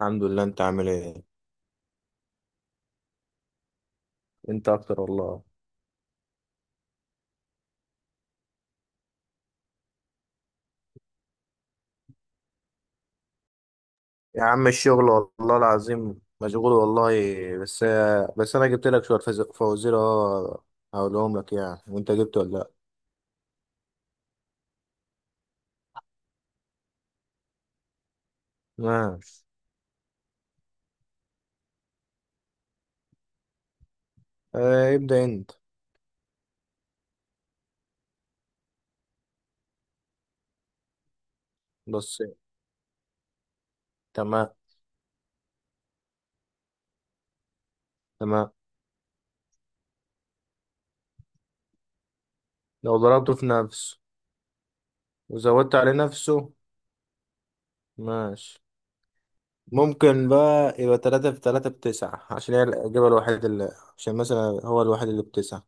الحمد لله، انت عامل ايه؟ انت اكتر والله. يا عم الشغل والله العظيم مشغول والله. بس بس انا جبت لك شويه فوازير، هقولهم لك يعني، وانت جبت ولا لا؟ ماشي. اه، ابدا انت. بص. تمام. تمام، لو ضربته في نفسه وزودت عليه نفسه. ماشي. ممكن بقى يبقى تلاتة في تلاتة بتسعة، عشان هي الإجابة الوحيدة اللي... عشان مثلا هو الوحيد اللي بتسعة،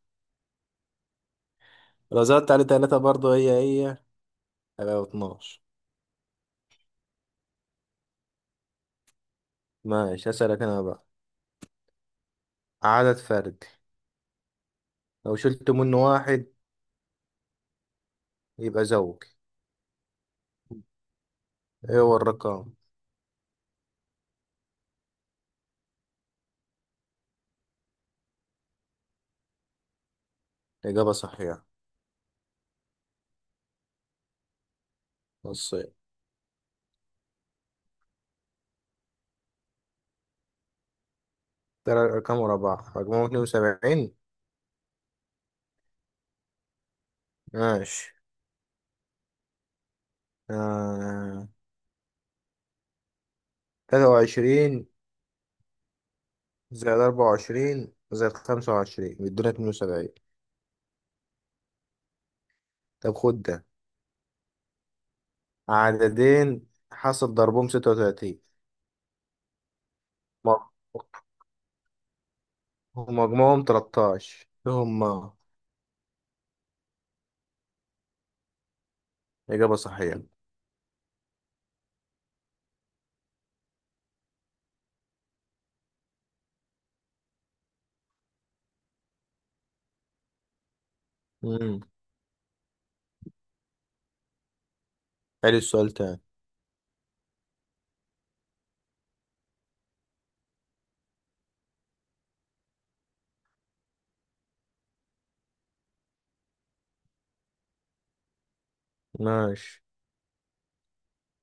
لو زودت عليه تلاتة برضه هي هي هيبقى 12. ماشي، هسألك أنا بقى. عدد فردي لو شلت منه واحد يبقى زوج، ايه هو الرقم؟ الإجابة صحيحة. نصين. تلات أرقام ورا بعض مجموعهم 72. ماشي. آه. 23 زائد 24 زائد 25 بيدونا 72. طب خد ده، عددين حاصل ضربهم 36 ومجموعهم 13، إيه هما؟ إجابة صحيحة. مم. حلو، السؤال تاني. ماشي،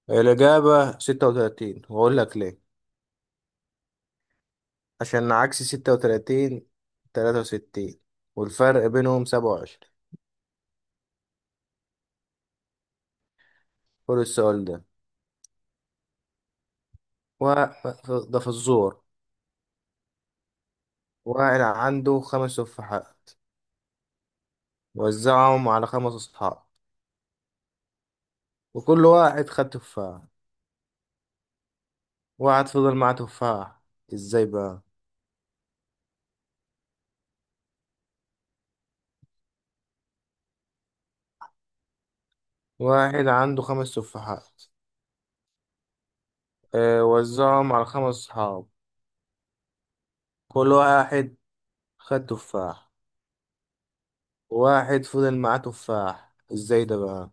الإجابة 36، وأقول لك ليه. عشان عكس 36 63، والفرق بينهم 27. كل السؤال ده. و ده في الزور. واحد عنده خمس تفاحات، وزعهم على خمس أصحاب، وكل واحد خد تفاح، واحد فضل معاه تفاح، ازاي بقى؟ واحد عنده خمس تفاحات، اه وزعهم على خمس أصحاب، كل واحد خد تفاح، واحد فضل معاه تفاح، ازاي ده بقى؟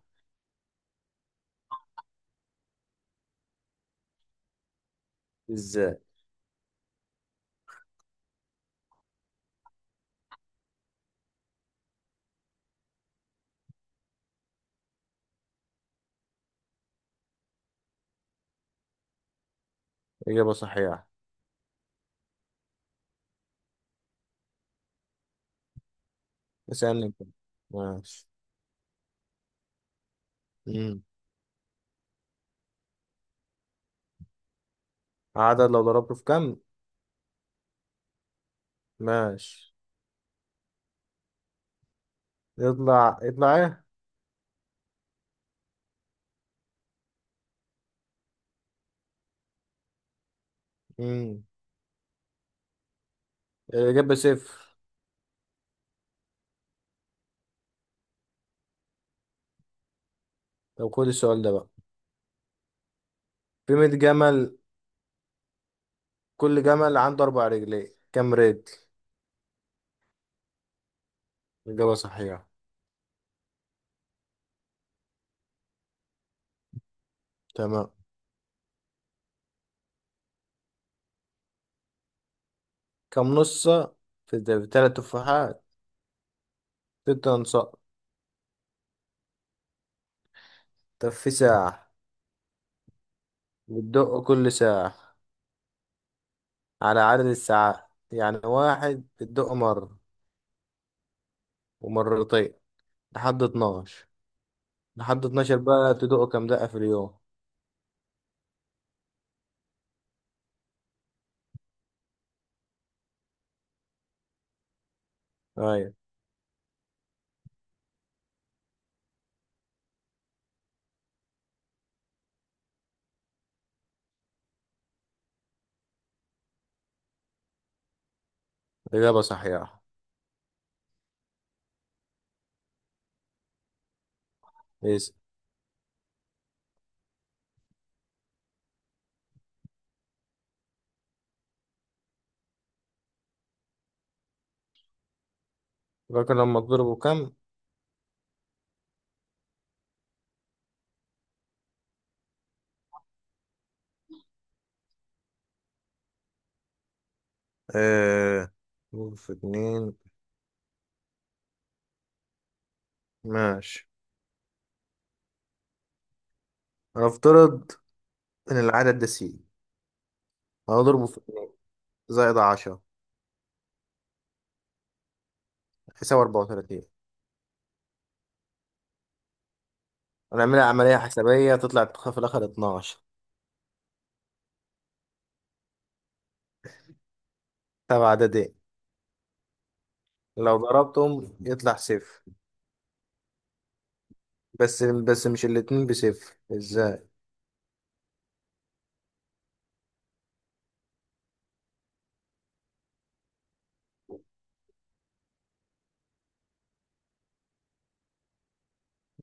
ازاي؟ إجابة صحيحة. اسألني انت. ماشي. مم. عدد لو ضربته في كم؟ ماشي. يطلع ايه؟ مم. الإجابة صفر. طب خد السؤال ده بقى، في 100 جمل، كل جمل عنده أربع رجلين، كم رجل؟ الإجابة صحيحة. تمام. كم نصة في تلات تفاحات؟ ست أنصاء. طب في ساعة بتدق كل ساعة على عدد الساعات، يعني واحد بتدق مرة، ومرتين، لحد 12 لحد 12 بقى تدق كم دقة في اليوم؟ أيوة. الإجابة صحيحة. إيه؟ فاكر لما تضربه كام؟ آه، ضرب في اتنين. ماشي. هنفترض إن العدد ده سي، هنضربه في اتنين زائد عشرة يساوي 34. هنعملها عملية حسابية تطلع في الآخر 12. تبع، عددين لو ضربتهم يطلع صفر. بس مش الاتنين بصفر، ازاي؟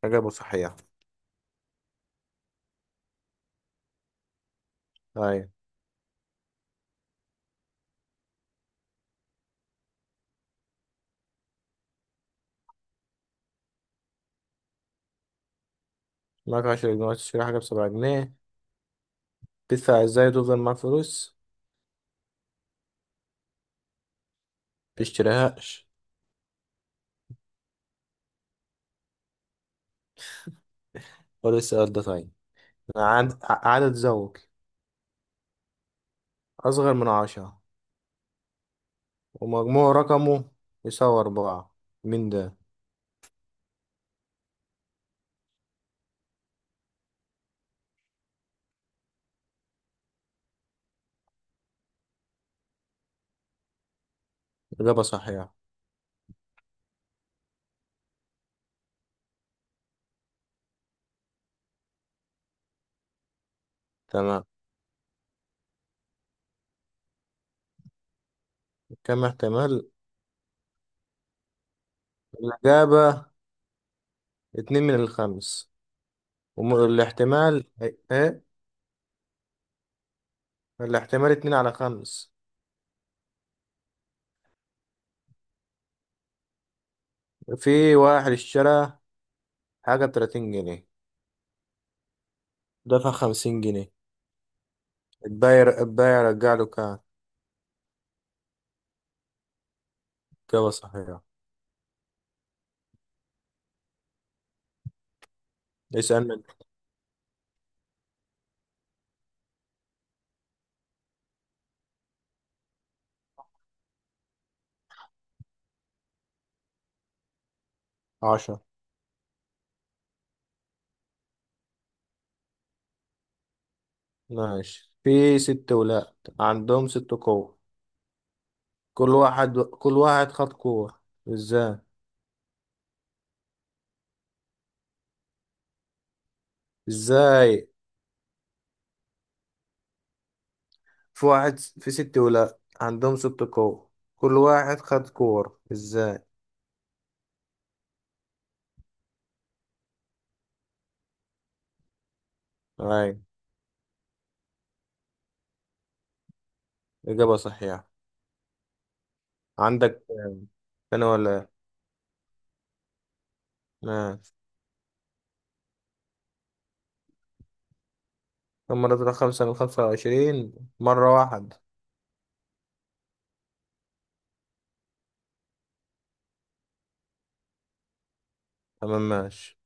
إجابة صحيحة. أيوة. معاك 10 جنيه، عايز تشتري حاجة بـ7 جنيه، تدفع ازاي وتفضل معاك فلوس؟ متشتريهاش. خد السؤال ده طيب. عدد، عدد زوجي أصغر من عشرة ومجموع رقمه يساوي أربعة، مين ده؟ إجابة صحيحة. تمام. كم احتمال؟ الإجابة اتنين من الخمس. والاحتمال إيه؟ الاحتمال اتنين على خمس. في واحد اشترى حاجة بـ30 جنيه، دفع 50 جنيه، البايع رجع له كام؟ إجابة صحيحة. اسأل من. عشرة. ماشي، في ست ولاد عندهم ست قوة، كل واحد خد قوة، ازاي؟ ازاي؟ في واحد، في ست ولاد عندهم ست قوة، كل واحد خد كور، ازاي؟ اي. إجابة صحيحة. عندك. أنا ولا إيه؟ ماشي. كم مرة طلع خمسة من خمسة وعشرين؟ مرة واحد. تمام ماشي.